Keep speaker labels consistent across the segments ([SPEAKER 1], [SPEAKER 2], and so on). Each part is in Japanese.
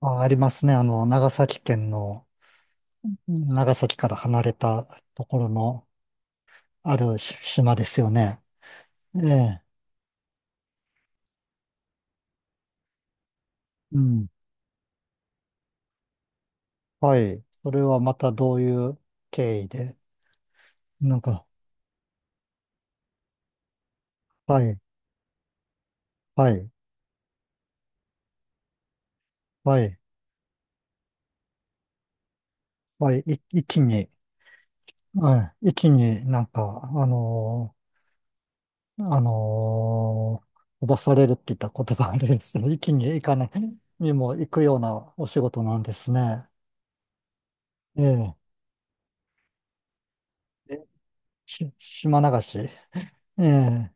[SPEAKER 1] あ、ありますね。長崎県の、長崎から離れたところのあるし島ですよね。ええ。うん。はい。それはまたどういう経緯で、なんか、はい、はい、はい、はい、一気に、はい、一気になんか、あのー飛ばされるって言ったら言葉あれですけど、一気に行かないにも行くようなお仕事なんですね。ええ。え島流し。ええ。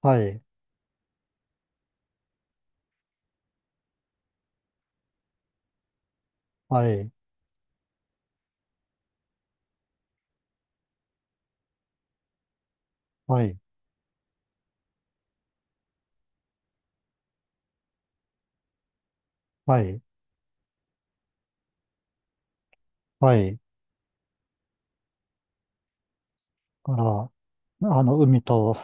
[SPEAKER 1] はい、はい、はい、はい、はい。から、あの、海と、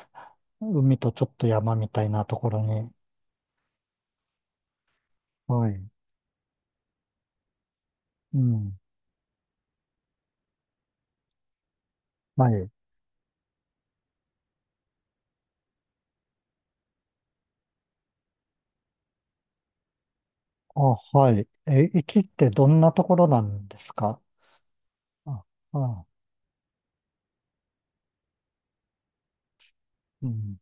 [SPEAKER 1] 海とちょっと山みたいなところに。はい、うん、はい。あ、はい。え、行きってどんなところなんですか？あ、あ、うん。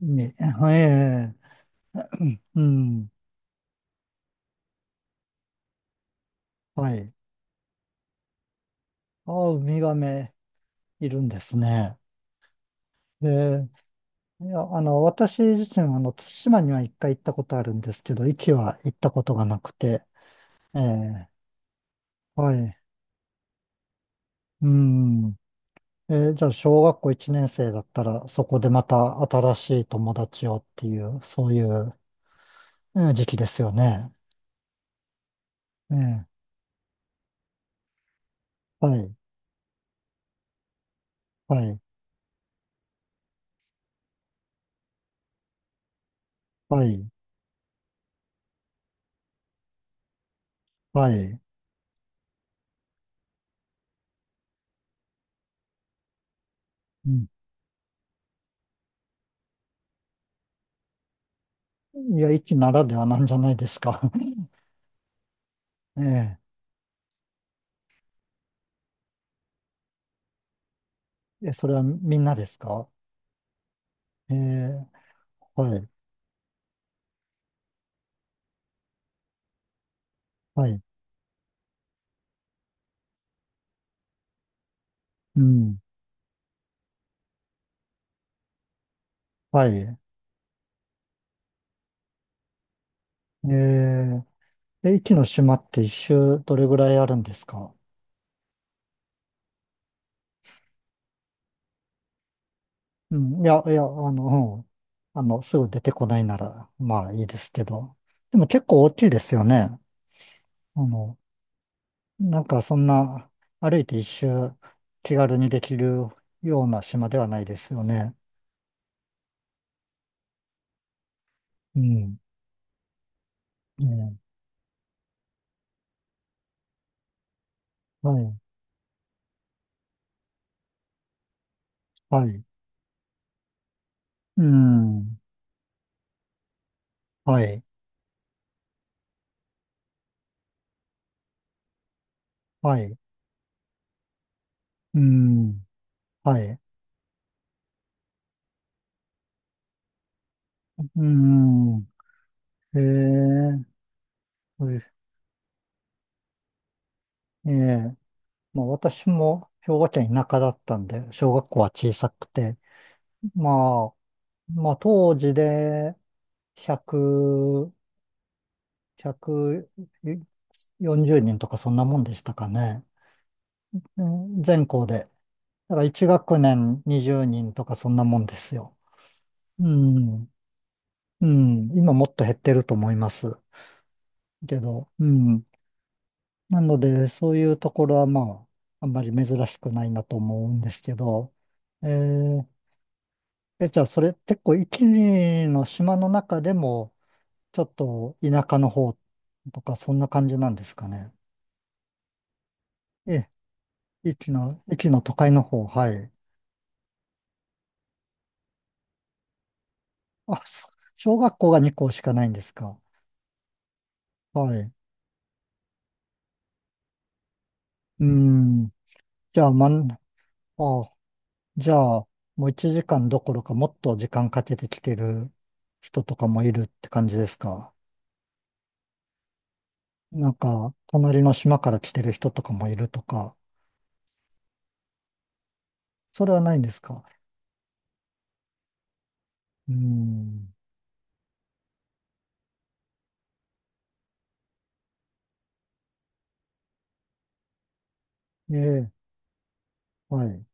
[SPEAKER 1] 海、はえうん、はい。あ、ウミガメいるんですね。で、いや、私自身は、対馬には一回行ったことあるんですけど、壱岐は行ったことがなくて、ええはい。うん。じゃあ、小学校1年生だったら、そこでまた新しい友達をっていう、そういう、時期ですよね。ええはい、はい、はい、はい。うんいや、一ならではなんじゃないですか。えええ、それはみんなですか？ええはい、はい、うん、はい。えええ、一の島って一周どれぐらいあるんですか？うん、いや、いや、うん、すぐ出てこないなら、まあいいですけど。でも結構大きいですよね。あの、なんかそんな、歩いて一周気軽にできるような島ではないですよね。うん。ねはい。はい。うん。はい。はい。うん。はい。うん。へえ。そうですええ。まあ私も兵庫県田舎だったんで、小学校は小さくて、まあ、まあ、当時で100、140人とかそんなもんでしたかね。うん全校で。だから1学年20人とかそんなもんですよ。うん。うん。今もっと減ってると思います。けど、うん。なので、そういうところはまあ、あんまり珍しくないなと思うんですけど、えーえ、じゃあそれ結構一時の島の中でも、ちょっと田舎の方とか、そんな感じなんですかね。ええ、駅の都会の方、はい。あ、小学校が2校しかないんですか？はい。うん。じゃあ、まん、あ、じゃあ、もう1時間どころかもっと時間かけてきてる人とかもいるって感じですか？なんか、隣の島から来てる人とかもいるとか、それはないんですか？うん。ええ、はい。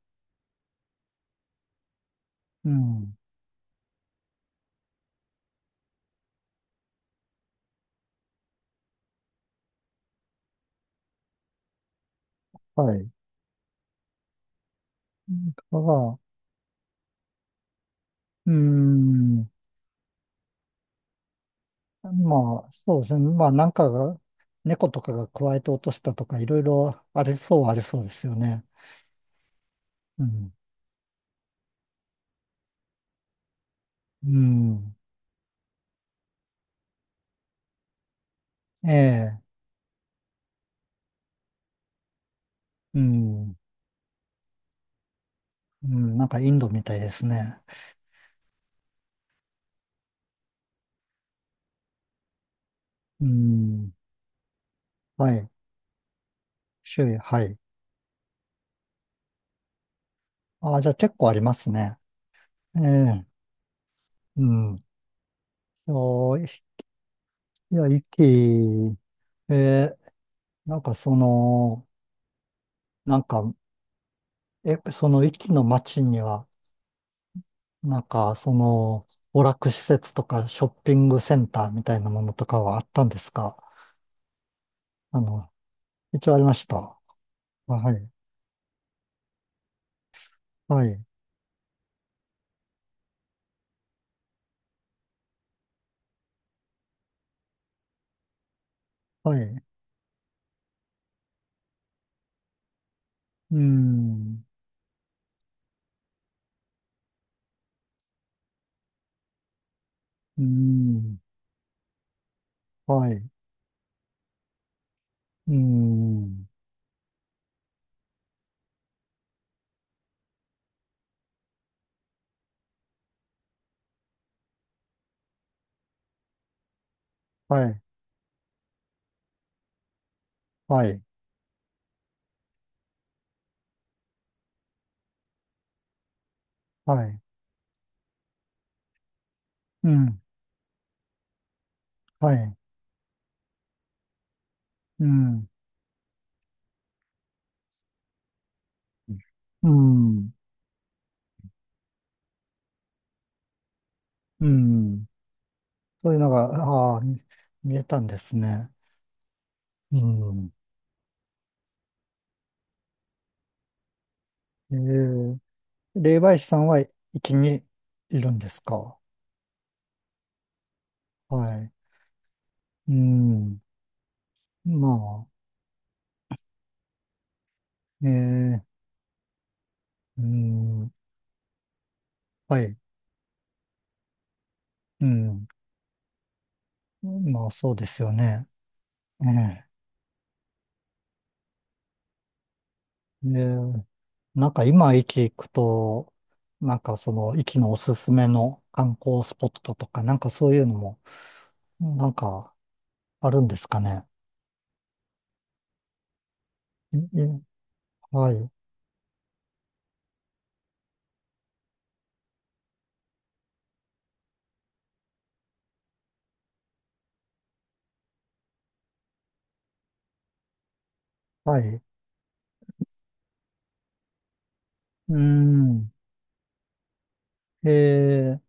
[SPEAKER 1] うん。はい。だから、うん。まあ、そうですね。まあ、なんかが、猫とかが加えて落としたとか、いろいろありそうはありそうですよね。うん。うん。ええ。うん。うん。なんかインドみたいですね。うん。はい。種類、はい。ああ、じゃあ結構ありますね。ええ。うん。おいや、息、ええ、なんかその、なんか、その息の街には、なんか、その、娯楽施設とかショッピングセンターみたいなものとかはあったんですか？あの、一応ありました。あはい、はい、はい。うーん、うーん、はい、うーん、はい、はい、はい、うん、はい、うん、うん、うん。そういうのが、ああ、見えたんですね。うん。えー、霊媒師さんは、きにいるんですか？はい。うん。まあ、ええ、うん、はい、うん。まあ、そうですよね。ええ、でなんか今、駅行くと、なんかその、駅のおすすめの観光スポットとか、なんかそういうのも、なんかあるんですかね。いいはい、はい。うん、ええ、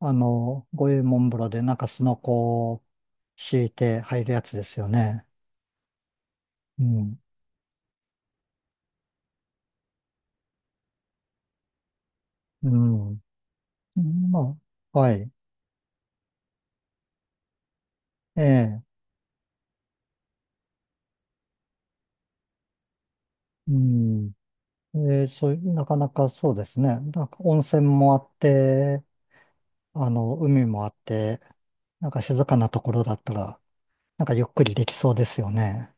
[SPEAKER 1] 五右衛門風呂でなんかスノコを敷いて入るやつですよね。うん、うん。まあ、はい。ええうん。そういう、なかなかそうですね。なんか温泉もあって、海もあって、なんか静かなところだったら、なんかゆっくりできそうですよね。